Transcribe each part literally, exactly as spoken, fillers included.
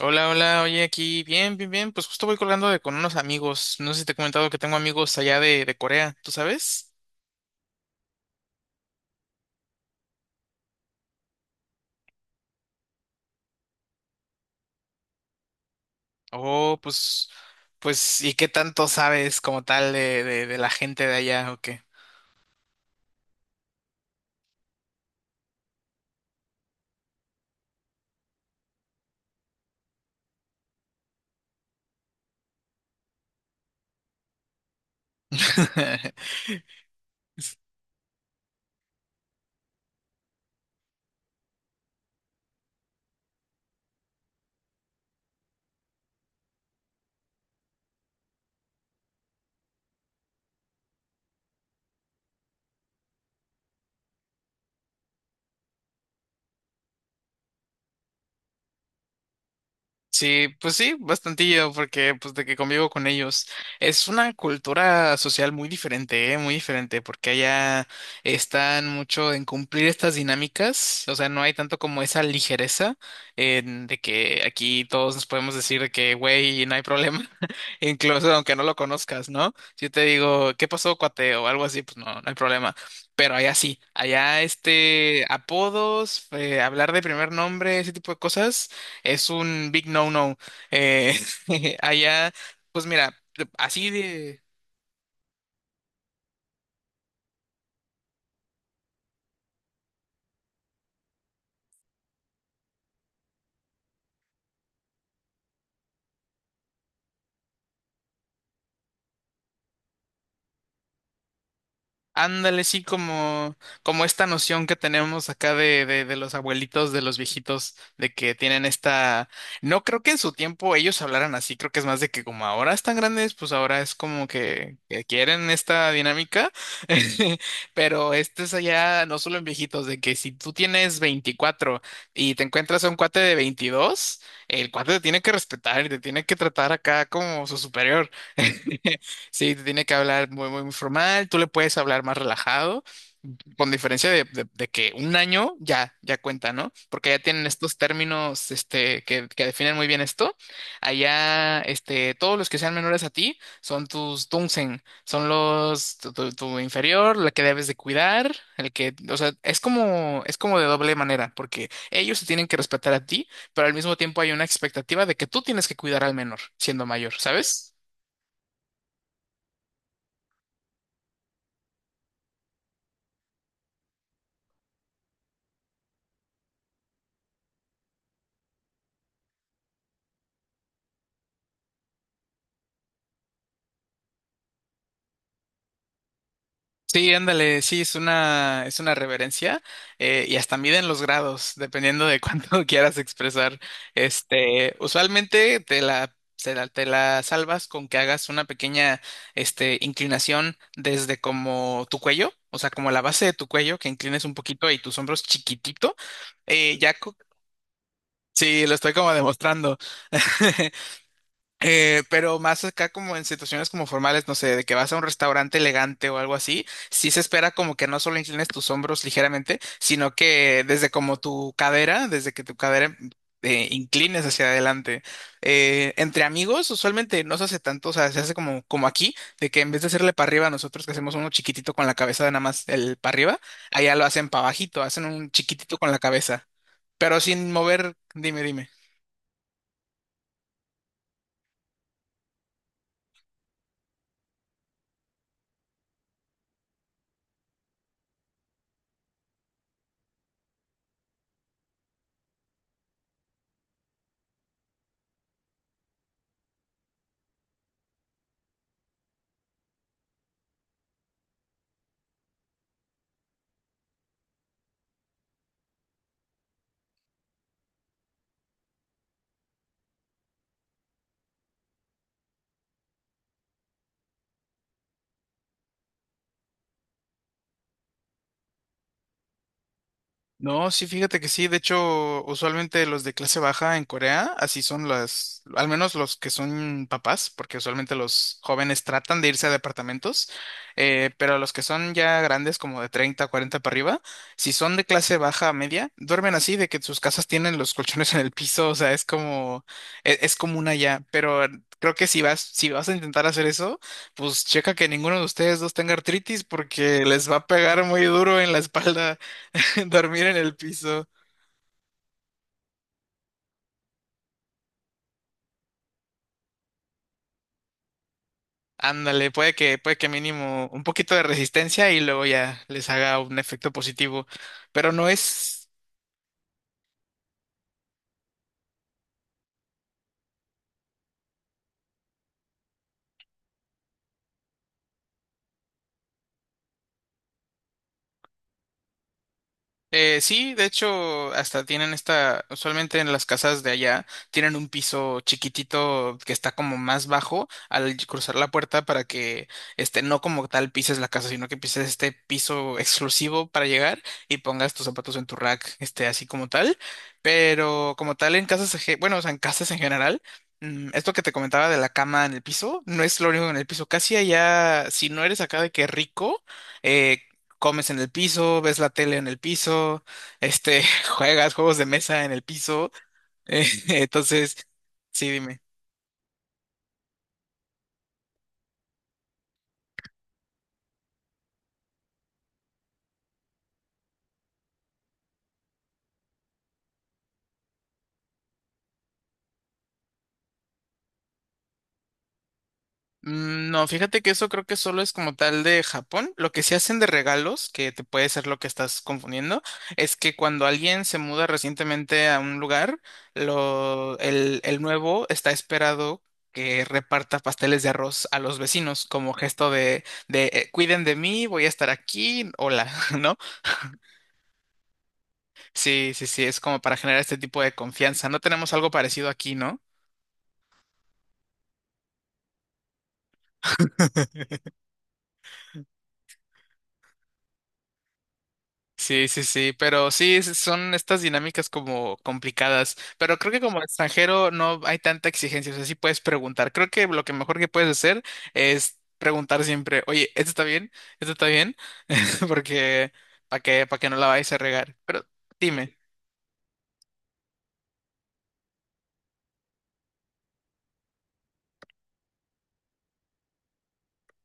Hola, hola, oye, aquí, bien, bien, bien, pues justo voy colgando de con unos amigos, no sé si te he comentado que tengo amigos allá de, de Corea, ¿tú sabes? Oh, pues, pues, ¿y qué tanto sabes como tal de, de, de la gente de allá o qué? Sí, pues sí, bastantillo, porque pues de que convivo con ellos. Es una cultura social muy diferente, ¿eh? Muy diferente, porque allá están mucho en cumplir estas dinámicas, o sea, no hay tanto como esa ligereza en de que aquí todos nos podemos decir de que, güey, no hay problema, incluso aunque no lo conozcas, ¿no? Si yo te digo, ¿qué pasó, cuate? O algo así, pues no, no hay problema. Pero allá sí, allá este apodos, eh, hablar de primer nombre, ese tipo de cosas es un big no-no. Eh, allá, pues mira, así de... Ándale, sí, como, como esta noción que tenemos acá de, de, de los abuelitos, de los viejitos, de que tienen esta... No creo que en su tiempo ellos hablaran así, creo que es más de que como ahora están grandes, pues ahora es como que, que quieren esta dinámica, pero este es allá no solo en viejitos, de que si tú tienes veinticuatro y te encuentras a un cuate de veintidós, el cuate te tiene que respetar y te tiene que tratar acá como su superior. Sí, te tiene que hablar muy, muy formal, tú le puedes hablar más relajado, con diferencia de, de- de que un año ya, ya cuenta, ¿no? Porque ya tienen estos términos, este, que, que definen muy bien esto. Allá, este, todos los que sean menores a ti son tus dunsen, son los, tu, tu- tu inferior, la que debes de cuidar, el que, o sea, es como, es como de doble manera, porque ellos se tienen que respetar a ti, pero al mismo tiempo hay una expectativa de que tú tienes que cuidar al menor, siendo mayor, ¿sabes? Sí, ándale, sí, es una, es una reverencia eh, y hasta miden los grados, dependiendo de cuánto quieras expresar. Este, usualmente te la, se la- te la salvas con que hagas una pequeña este, inclinación desde como tu cuello, o sea, como la base de tu cuello, que inclines un poquito y tus hombros chiquitito. Eh, ya, co- sí, lo estoy como demostrando. Eh, pero más acá como en situaciones como formales, no sé, de que vas a un restaurante elegante o algo así, sí se espera como que no solo inclines tus hombros ligeramente, sino que desde como tu cadera, desde que tu cadera eh, inclines hacia adelante. Eh, entre amigos usualmente no se hace tanto, o sea, se hace como, como aquí, de que en vez de hacerle para arriba, nosotros que hacemos uno chiquitito con la cabeza de nada más el para arriba, allá lo hacen para abajito, hacen un chiquitito con la cabeza, pero sin mover, dime, dime. No, sí, fíjate que sí. De hecho, usualmente los de clase baja en Corea, así son las, al menos los que son papás, porque usualmente los jóvenes tratan de irse a departamentos, eh, pero los que son ya grandes, como de treinta, cuarenta para arriba, si son de clase baja a media, duermen así, de que sus casas tienen los colchones en el piso, o sea, es como, e- es, común allá, pero... Creo que si vas, si vas a intentar hacer eso, pues checa que ninguno de ustedes dos tenga artritis porque les va a pegar muy duro en la espalda. Dormir en el piso. Ándale, puede que, puede que mínimo un poquito de resistencia y luego ya les haga un efecto positivo. Pero no es Eh, sí, de hecho, hasta tienen esta, usualmente en las casas de allá, tienen un piso chiquitito que está como más bajo al cruzar la puerta para que, este, no como tal pises la casa, sino que pises este piso exclusivo para llegar y pongas tus zapatos en tu rack, este, así como tal. Pero como tal en casas, eje- bueno, o sea, en casas en general. mm, Esto que te comentaba de la cama en el piso, no es lo único en el piso. Casi allá, si no eres acá de que rico, eh, comes en el piso, ves la tele en el piso, este, juegas juegos de mesa en el piso. eh, entonces, sí, dime. Mm, No, fíjate que eso creo que solo es como tal de Japón. Lo que se hacen de regalos, que te puede ser lo que estás confundiendo, es que cuando alguien se muda recientemente a un lugar, lo, el, el nuevo está esperado que reparta pasteles de arroz a los vecinos como gesto de, de eh, cuiden de mí, voy a estar aquí, hola, ¿no? Sí, sí, sí, es como para generar este tipo de confianza. No tenemos algo parecido aquí, ¿no? Sí, sí, sí, pero sí, es- son estas dinámicas como complicadas, pero creo que como extranjero no hay tanta exigencia, o sea, sí puedes preguntar. Creo que lo que mejor que puedes hacer es preguntar siempre, oye, ¿esto está bien? ¿Esto está bien? Porque para que, para que no la vayas a regar. Pero dime.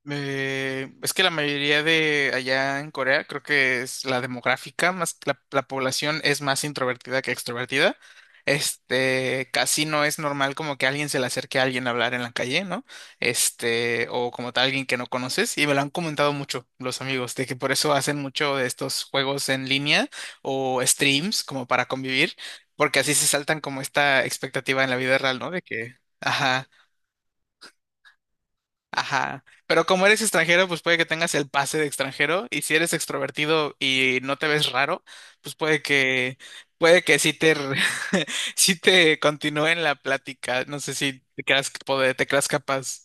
Eh, es que la mayoría de allá en Corea, creo que es la demográfica, más la, la población es más introvertida que extrovertida. Este, casi no es normal como que alguien se le acerque a alguien a hablar en la calle, ¿no? Este, o como tal alguien que no conoces, y me lo han comentado mucho los amigos, de que por eso hacen mucho de estos juegos en línea o streams como para convivir, porque así se saltan como esta expectativa en la vida real, ¿no? De que, ajá. Ajá, pero como eres extranjero, pues puede que tengas el pase de extranjero y si eres extrovertido y no te ves raro, pues puede que puede que sí te re- sí te continúe en la plática. No sé si te creas poder, te creas capaz.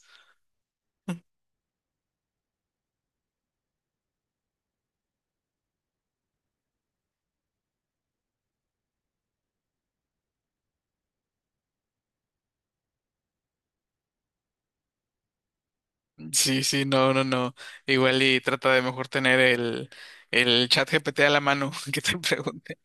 Sí, sí, no, no, no. Igual y trata de mejor tener el el chat G P T a la mano. Que te pregunte.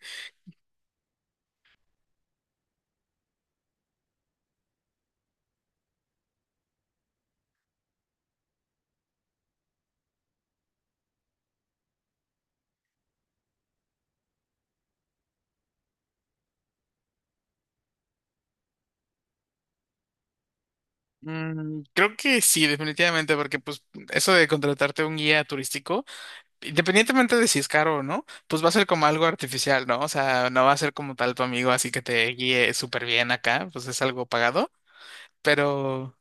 Mm, creo que sí, definitivamente, porque pues eso de contratarte un guía turístico. Independientemente de si es caro o no, pues va a ser como algo artificial, ¿no? O sea, no va a ser como tal tu amigo, así que te guíe súper bien acá, pues es algo pagado, pero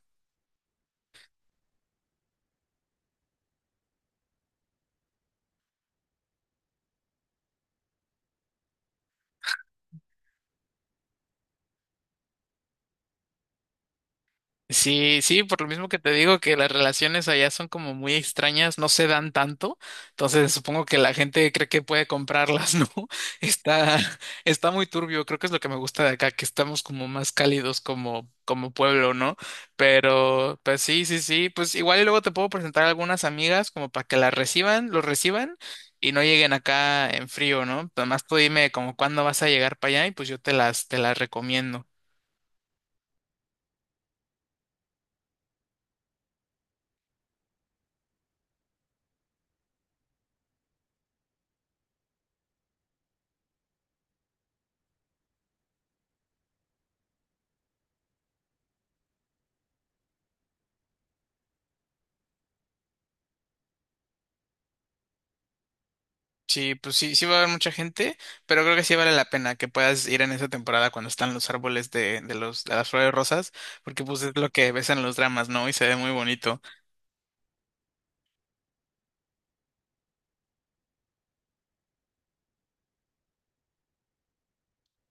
sí, sí, por lo mismo que te digo que las relaciones allá son como muy extrañas, no se dan tanto, entonces supongo que la gente cree que puede comprarlas, ¿no? Está, está muy turbio, creo que es lo que me gusta de acá, que estamos como más cálidos como, como pueblo, ¿no? Pero, pues sí, sí, sí, pues igual y luego te puedo presentar a algunas amigas como para que las reciban, los reciban y no lleguen acá en frío, ¿no? Además tú dime como cuándo vas a llegar para allá y pues yo te las, te las recomiendo. Sí, pues sí, sí va a haber mucha gente, pero creo que sí vale la pena que puedas ir en esa temporada cuando están los árboles de, de los, de las flores rosas, porque pues es lo que ves en los dramas, ¿no? Y se ve muy bonito.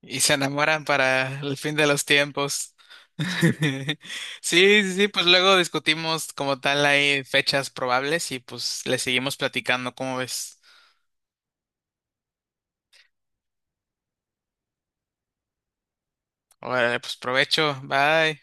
Y se enamoran para el fin de los tiempos. Sí, sí, sí, pues luego discutimos como tal ahí fechas probables y pues le seguimos platicando, ¿cómo ves? Órale, pues provecho, bye.